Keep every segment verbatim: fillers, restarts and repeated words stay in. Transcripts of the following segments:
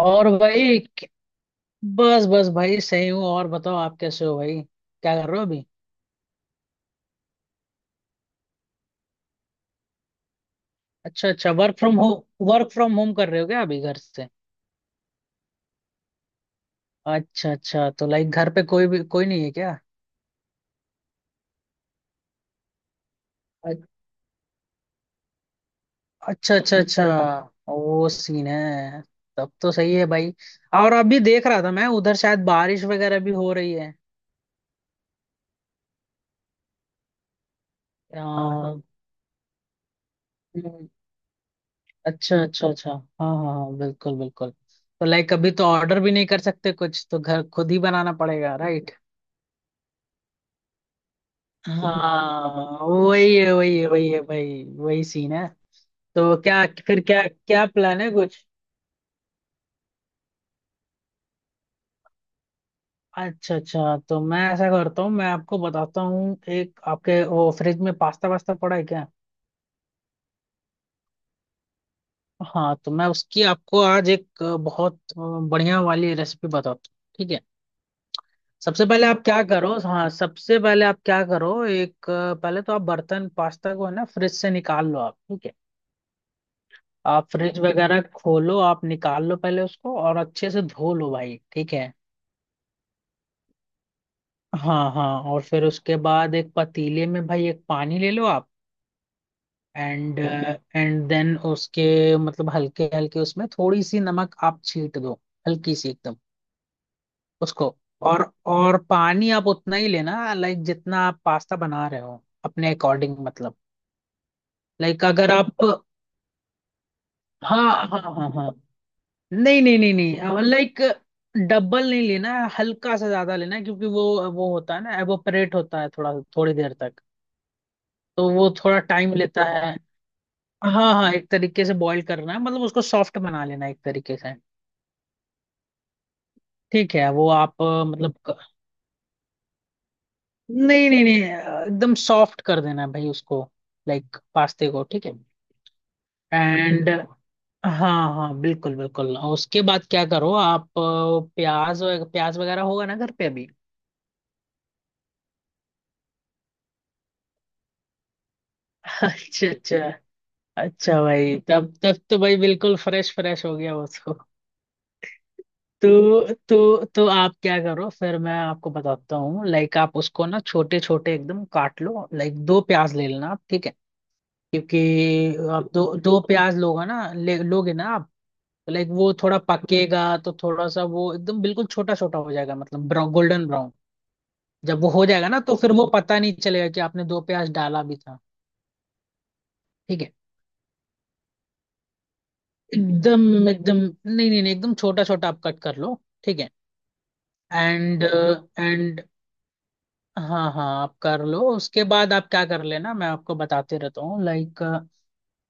और भाई क- बस बस भाई सही हूँ। और बताओ आप कैसे हो भाई, क्या कर रहे हो अभी? अच्छा अच्छा, work from home work from home कर रहे हो क्या अभी घर से? अच्छा अच्छा, तो लाइक घर पे कोई भी कोई नहीं है क्या? अ- अच्छा अच्छा अच्छा, वो सीन है। तब तो सही है भाई। और अभी देख रहा था मैं, उधर शायद बारिश वगैरह भी हो रही है। हाँ, हम्म, अच्छा अच्छा अच्छा, हाँ हाँ हाँ, बिल्कुल बिल्कुल, तो लाइक अभी तो ऑर्डर भी नहीं कर सकते, कुछ तो घर खुद ही बनाना पड़ेगा राइट। हाँ, वही है वही है वही है भाई, वही सीन है। तो क्या फिर क्या क्या प्लान है कुछ? अच्छा अच्छा, तो मैं ऐसा करता हूँ, मैं आपको बताता हूँ, एक आपके वो फ्रिज में पास्ता वास्ता पड़ा है क्या? हाँ, तो मैं उसकी आपको आज एक अ, बहुत अ, बढ़िया वाली रेसिपी बताता हूँ। ठीक है, सबसे पहले आप क्या करो, हाँ, सबसे पहले आप क्या करो, एक अ, पहले तो आप बर्तन पास्ता को है ना फ्रिज से निकाल लो आप, ठीक है। आप फ्रिज वगैरह खोलो, आप निकाल लो पहले उसको और अच्छे से धो लो भाई, ठीक है। हाँ हाँ, और फिर उसके बाद एक पतीले में भाई एक पानी ले लो आप। एंड एंड देन उसके मतलब हल्के हल्के उसमें थोड़ी सी नमक आप छीट दो, हल्की सी एकदम उसको। और और पानी आप उतना ही लेना, लाइक जितना आप पास्ता बना रहे हो अपने अकॉर्डिंग मतलब, लाइक अगर आप, हाँ हाँ हाँ हाँ, नहीं नहीं नहीं नहीं, लाइक डबल नहीं लेना है, हल्का सा ज्यादा लेना है क्योंकि वो वो होता है ना, एवोपरेट होता है थोड़ा, थोड़ी देर तक। तो वो थोड़ा टाइम लेता है। हाँ हाँ, एक तरीके से बॉईल करना है, मतलब उसको सॉफ्ट बना लेना है एक तरीके से। ठीक है, वो आप अ, मतलब क- नहीं नहीं नहीं, अ, एकदम सॉफ्ट कर देना है भाई उसको, लाइक पास्ते को, ठीक है एंड। हाँ हाँ, बिल्कुल बिल्कुल, उसके बाद क्या करो आप, अ, प्याज वग- प्याज वगैरह होगा ना घर पे अभी? अच्छा अच्छा, अच्छा भाई, तब तब तो भाई बिल्कुल फ्रेश फ्रेश हो गया उसको। तो तो तो आप क्या करो फिर, मैं आपको बताता हूँ, लाइक आप उसको ना छोटे छोटे एकदम काट लो, लाइक दो प्याज ले लेना आप, ठीक है, क्योंकि आप दो दो प्याज लोगे ना, ले लोगे ना आप, लाइक वो थोड़ा पकेगा तो थोड़ा सा वो एकदम बिल्कुल छोटा छोटा हो जाएगा, मतलब ब्राउन, गोल्डन ब्राउन। जब वो हो जाएगा ना, तो फिर वो पता नहीं चलेगा कि आपने दो प्याज डाला भी था। ठीक है, एकदम एकदम, नहीं नहीं नहीं, एकदम छोटा छोटा आप कट कर लो, ठीक है। एंड एंड, हाँ हाँ, आप कर लो, उसके बाद आप क्या कर लेना मैं आपको बताते रहता हूँ, लाइक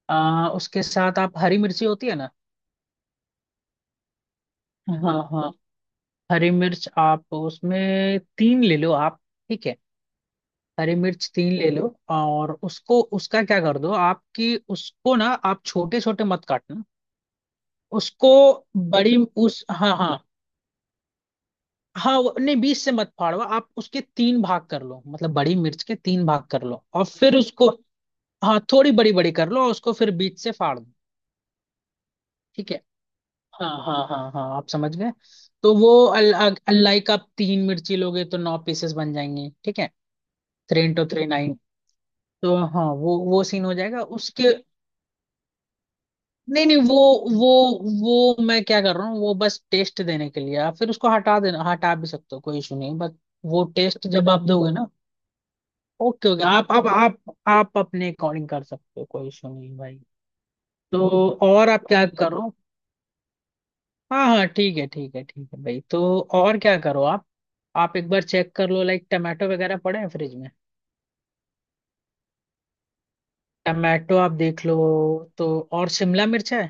आ, उसके साथ आप, हरी मिर्ची होती है ना, हाँ हाँ, हरी मिर्च आप उसमें तीन ले लो आप, ठीक है, हरी मिर्च तीन ले लो, और उसको उसका क्या कर दो आपकी उसको ना, आप छोटे छोटे मत काटना उसको, बड़ी, उस हाँ हाँ हाँ, वो- नहीं, बीच से मत फाड़ो आप, उसके तीन भाग कर लो, मतलब बड़ी मिर्च के तीन भाग कर लो और फिर उसको, हाँ थोड़ी बड़ी बड़ी कर लो उसको फिर बीच से फाड़ दो, ठीक है, हाँ हाँ हाँ हाँ, आप समझ गए। तो वो अल, अ- अलाई का आप तीन मिर्ची लोगे तो नौ पीसेस बन जाएंगे, ठीक है। थ्री इंटू थ्री नाइन, तो हाँ वो वो सीन हो जाएगा उसके। नहीं नहीं, वो वो वो मैं क्या कर रहा हूँ, वो बस टेस्ट देने के लिए, आप फिर उसको हटा देना, हटा भी सकते हो, कोई इशू नहीं बट, वो टेस्ट जब आप दोगे ना, ओके ओके, आप आप आप आप अपने अकॉर्डिंग कर सकते हो, कोई इशू नहीं भाई। तो और आप क्या करो, हाँ हाँ, ठीक है ठीक है ठीक है भाई, तो और क्या करो आप आप एक बार चेक कर लो लाइक टमाटो वगैरह पड़े हैं फ्रिज में, टमाटो आप देख लो, तो और शिमला मिर्च है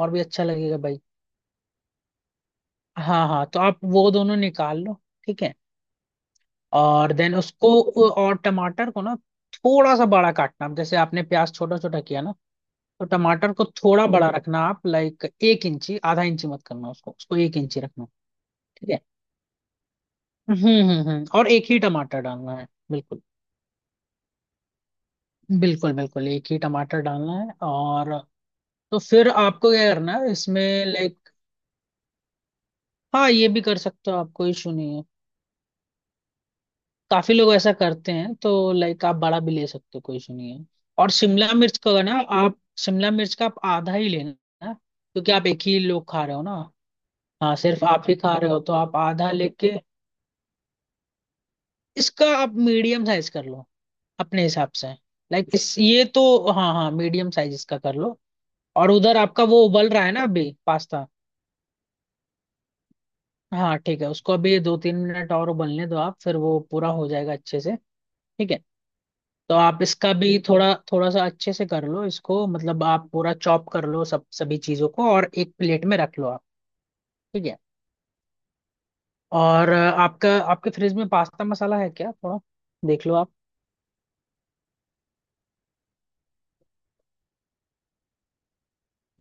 और भी अच्छा लगेगा भाई। हाँ हाँ, तो आप वो दोनों निकाल लो, ठीक है, और देन उसको, और टमाटर को ना थोड़ा सा बड़ा काटना आप, जैसे आपने प्याज छोटा छोटा किया ना, तो टमाटर को थोड़ा बड़ा रखना आप, लाइक एक इंची आधा इंची मत करना उसको उसको एक इंची रखना, ठीक है, हम्म हम्म हम्म, और एक ही टमाटर डालना है बिल्कुल बिल्कुल बिल्कुल, एक ही टमाटर डालना है और, तो फिर आपको क्या करना है इसमें लाइक, हाँ ये भी कर सकते हो आप, कोई इशू नहीं है, काफी लोग ऐसा करते हैं, तो लाइक आप बड़ा भी ले सकते हो, कोई इशू नहीं है। और शिमला मिर्च का ना आप, शिमला मिर्च का आप आधा ही लेना है, क्योंकि आप एक ही लोग खा रहे हो ना, हाँ सिर्फ आप ही खा रहे हो तो आप आधा लेके, इसका आप मीडियम साइज कर लो अपने हिसाब से, लाइक इस ये तो, हाँ हाँ, मीडियम साइज इसका कर लो। और उधर आपका वो उबल रहा है ना अभी पास्ता, हाँ ठीक है, उसको अभी दो तीन मिनट और उबलने दो आप, फिर वो पूरा हो जाएगा अच्छे से, ठीक है। तो आप इसका भी थोड़ा थोड़ा सा अच्छे से कर लो इसको, मतलब आप पूरा चॉप कर लो सब सभी चीजों को और एक प्लेट में रख लो आप, ठीक है। और अ, आपका आपके फ्रिज में पास्ता मसाला है क्या थोड़ा, देख लो आप।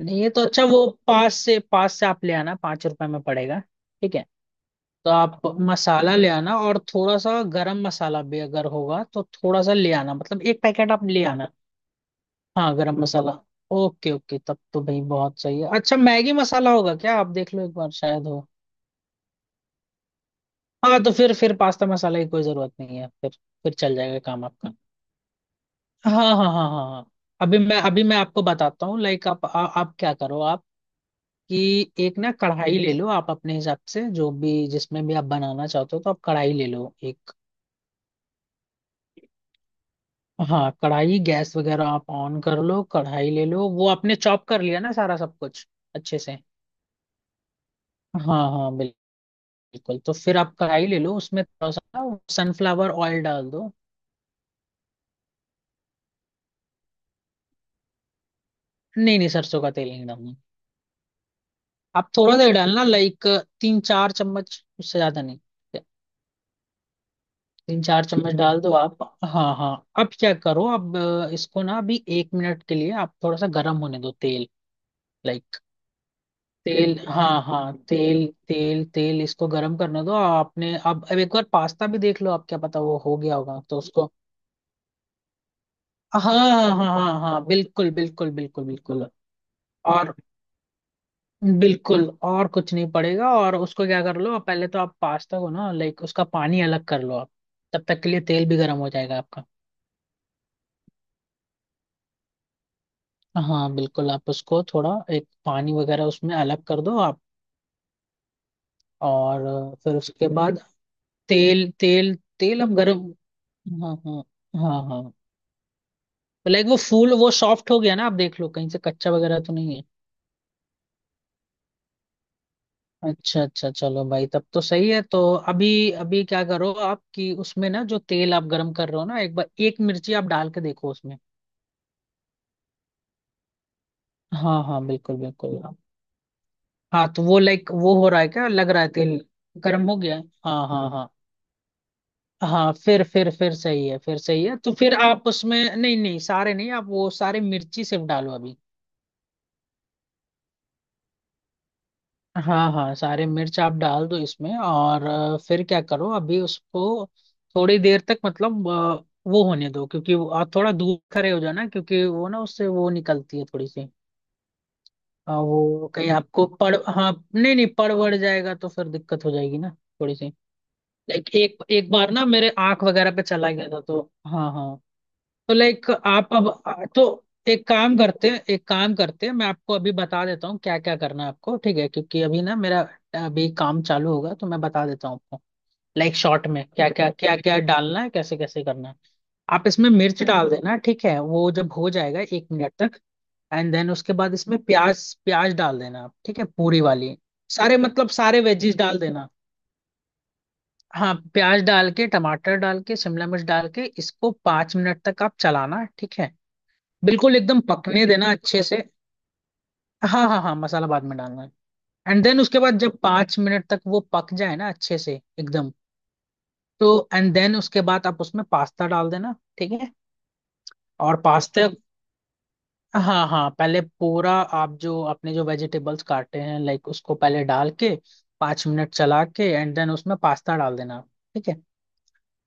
नहीं है तो अच्छा वो पास से पास से आप ले आना, पाँच रुपए में पड़ेगा, ठीक है। तो आप मसाला ले आना और थोड़ा सा गरम मसाला भी अगर होगा तो थोड़ा सा ले आना, मतलब एक पैकेट आप ले आना। हाँ गरम मसाला, ओके ओके, तब तो भाई बहुत सही है, अच्छा मैगी मसाला होगा क्या आप देख लो एक बार शायद हो। हाँ, तो फिर फिर पास्ता मसाला की कोई जरूरत नहीं है फिर फिर चल जाएगा काम आपका, हाँ हाँ हाँ हाँ हाँ। अभी मैं अभी मैं आपको बताता हूँ, लाइक आप आ, आप क्या करो, आप कि एक ना कढ़ाई ले लो आप अपने हिसाब से जो भी जिसमें भी आप बनाना चाहते हो, तो आप कढ़ाई ले लो एक, हाँ कढ़ाई गैस वगैरह आप ऑन कर लो, कढ़ाई ले लो, वो आपने चॉप कर लिया ना सारा सब कुछ अच्छे से, हाँ हाँ बिल्कुल बिल्कुल, तो फिर आप कढ़ाई ले लो उसमें थोड़ा सा सनफ्लावर ऑयल डाल दो। नहीं नहीं सरसों का तेल नहीं डालना, आप थोड़ा सा ही डालना, लाइक तीन चार चम्मच, उससे ज्यादा नहीं, तीन चार चम्मच डाल दो आप, हाँ हाँ। अब क्या करो, अब अ, इसको ना अभी एक मिनट के लिए आप थोड़ा सा गर्म होने दो तेल, लाइक तेल, हाँ हाँ, तेल तेल तेल इसको गर्म करने दो आपने, अब अब एक बार पास्ता भी देख लो आप, क्या पता वो हो गया होगा तो उसको, हाँ हाँ हाँ हाँ हाँ, बिल्कुल बिल्कुल बिल्कुल बिल्कुल, और बिल्कुल, और कुछ नहीं पड़ेगा, और उसको क्या कर लो पहले, तो आप पास्ता को ना लाइक उसका पानी अलग कर लो आप, तब तक के लिए तेल भी गर्म हो जाएगा आपका, हाँ बिल्कुल, आप उसको थोड़ा एक पानी वगैरह उसमें अलग कर दो आप और फिर उसके बाद तेल तेल, तेल अब गर्म, हाँ हाँ हाँ हाँ, लाइक वो फूल वो सॉफ्ट हो गया ना, आप देख लो कहीं से कच्चा वगैरह तो नहीं है, अच्छा अच्छा चलो भाई तब तो सही है, तो अभी अभी क्या करो आप, कि उसमें ना जो तेल आप गरम कर रहे हो ना, एक बार एक मिर्ची आप डाल के देखो उसमें, हाँ हाँ बिल्कुल बिल्कुल। हाँ, तो वो लाइक वो हो रहा है क्या, लग रहा है तेल गर्म हो गया है, हाँ हाँ हाँ हाँ, फिर फिर फिर सही है, फिर सही है, तो फिर आप उसमें नहीं नहीं सारे नहीं, आप वो सारे मिर्ची सिर्फ डालो अभी, हाँ हाँ, सारे मिर्च आप डाल दो इसमें, और अ, फिर क्या करो अभी उसको थोड़ी देर तक, मतलब अ, वो होने दो क्योंकि वो- आप थोड़ा दूर खड़े हो जाओ ना क्योंकि वो ना उससे वो निकलती है थोड़ी सी, अ, वो कहीं आपको पड़ हाँ नहीं नहीं, पड़ वड़ जाएगा तो फिर दिक्कत हो जाएगी ना, थोड़ी सी, लाइक एक एक बार ना मेरे आंख वगैरह पे चला गया था तो, हाँ हाँ। तो लाइक आप अब तो, एक काम करते हैं एक काम करते हैं, मैं आपको अभी बता देता हूँ क्या क्या करना है आपको, ठीक है, क्योंकि अभी ना मेरा अभी काम चालू होगा तो मैं बता देता हूँ आपको, लाइक शॉर्ट में क्या क्या क्या क्या डालना है, कैसे कैसे करना है, आप इसमें मिर्च डाल देना, ठीक है, वो जब हो जाएगा एक मिनट तक, एंड देन उसके बाद इसमें प्याज प्याज डाल देना आप, ठीक है, पूरी वाली, सारे मतलब सारे वेजीज डाल देना, हाँ प्याज डाल के, टमाटर डाल के, शिमला मिर्च डाल के, इसको पाँच मिनट तक आप चलाना, ठीक है, बिल्कुल एकदम पकने देना अच्छे से, हाँ हाँ हाँ, मसाला बाद में डालना है, एंड देन उसके बाद जब पाँच मिनट तक वो पक जाए ना अच्छे से एकदम, तो एंड देन उसके बाद आप उसमें पास्ता डाल देना, ठीक है, और पास्ता, हाँ हाँ, पहले पूरा आप जो अपने जो वेजिटेबल्स काटे हैं लाइक उसको पहले डाल के पाँच मिनट चला के, एंड देन उसमें पास्ता डाल देना, ठीक है,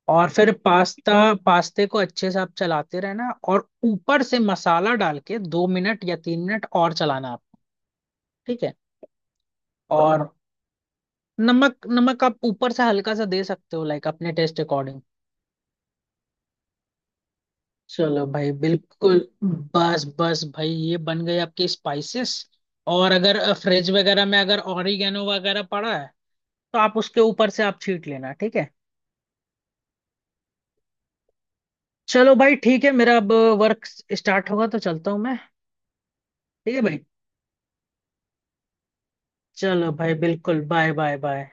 और फिर पास्ता, पास्ते को अच्छे से आप चलाते रहना और ऊपर से मसाला डाल के दो मिनट या तीन मिनट और चलाना आपको, ठीक है, और नमक, नमक आप ऊपर से हल्का सा दे सकते हो लाइक अपने टेस्ट अकॉर्डिंग, चलो भाई बिल्कुल, बस बस भाई ये बन गए आपके स्पाइसेस, और अगर फ्रिज वगैरह में अगर ऑरिगेनो वगैरह पड़ा है तो आप उसके ऊपर से आप छीट लेना, ठीक है। चलो भाई ठीक है, मेरा अब वर्क स्टार्ट होगा तो चलता हूँ मैं, ठीक है भाई, चलो भाई बिल्कुल, बाय बाय बाय।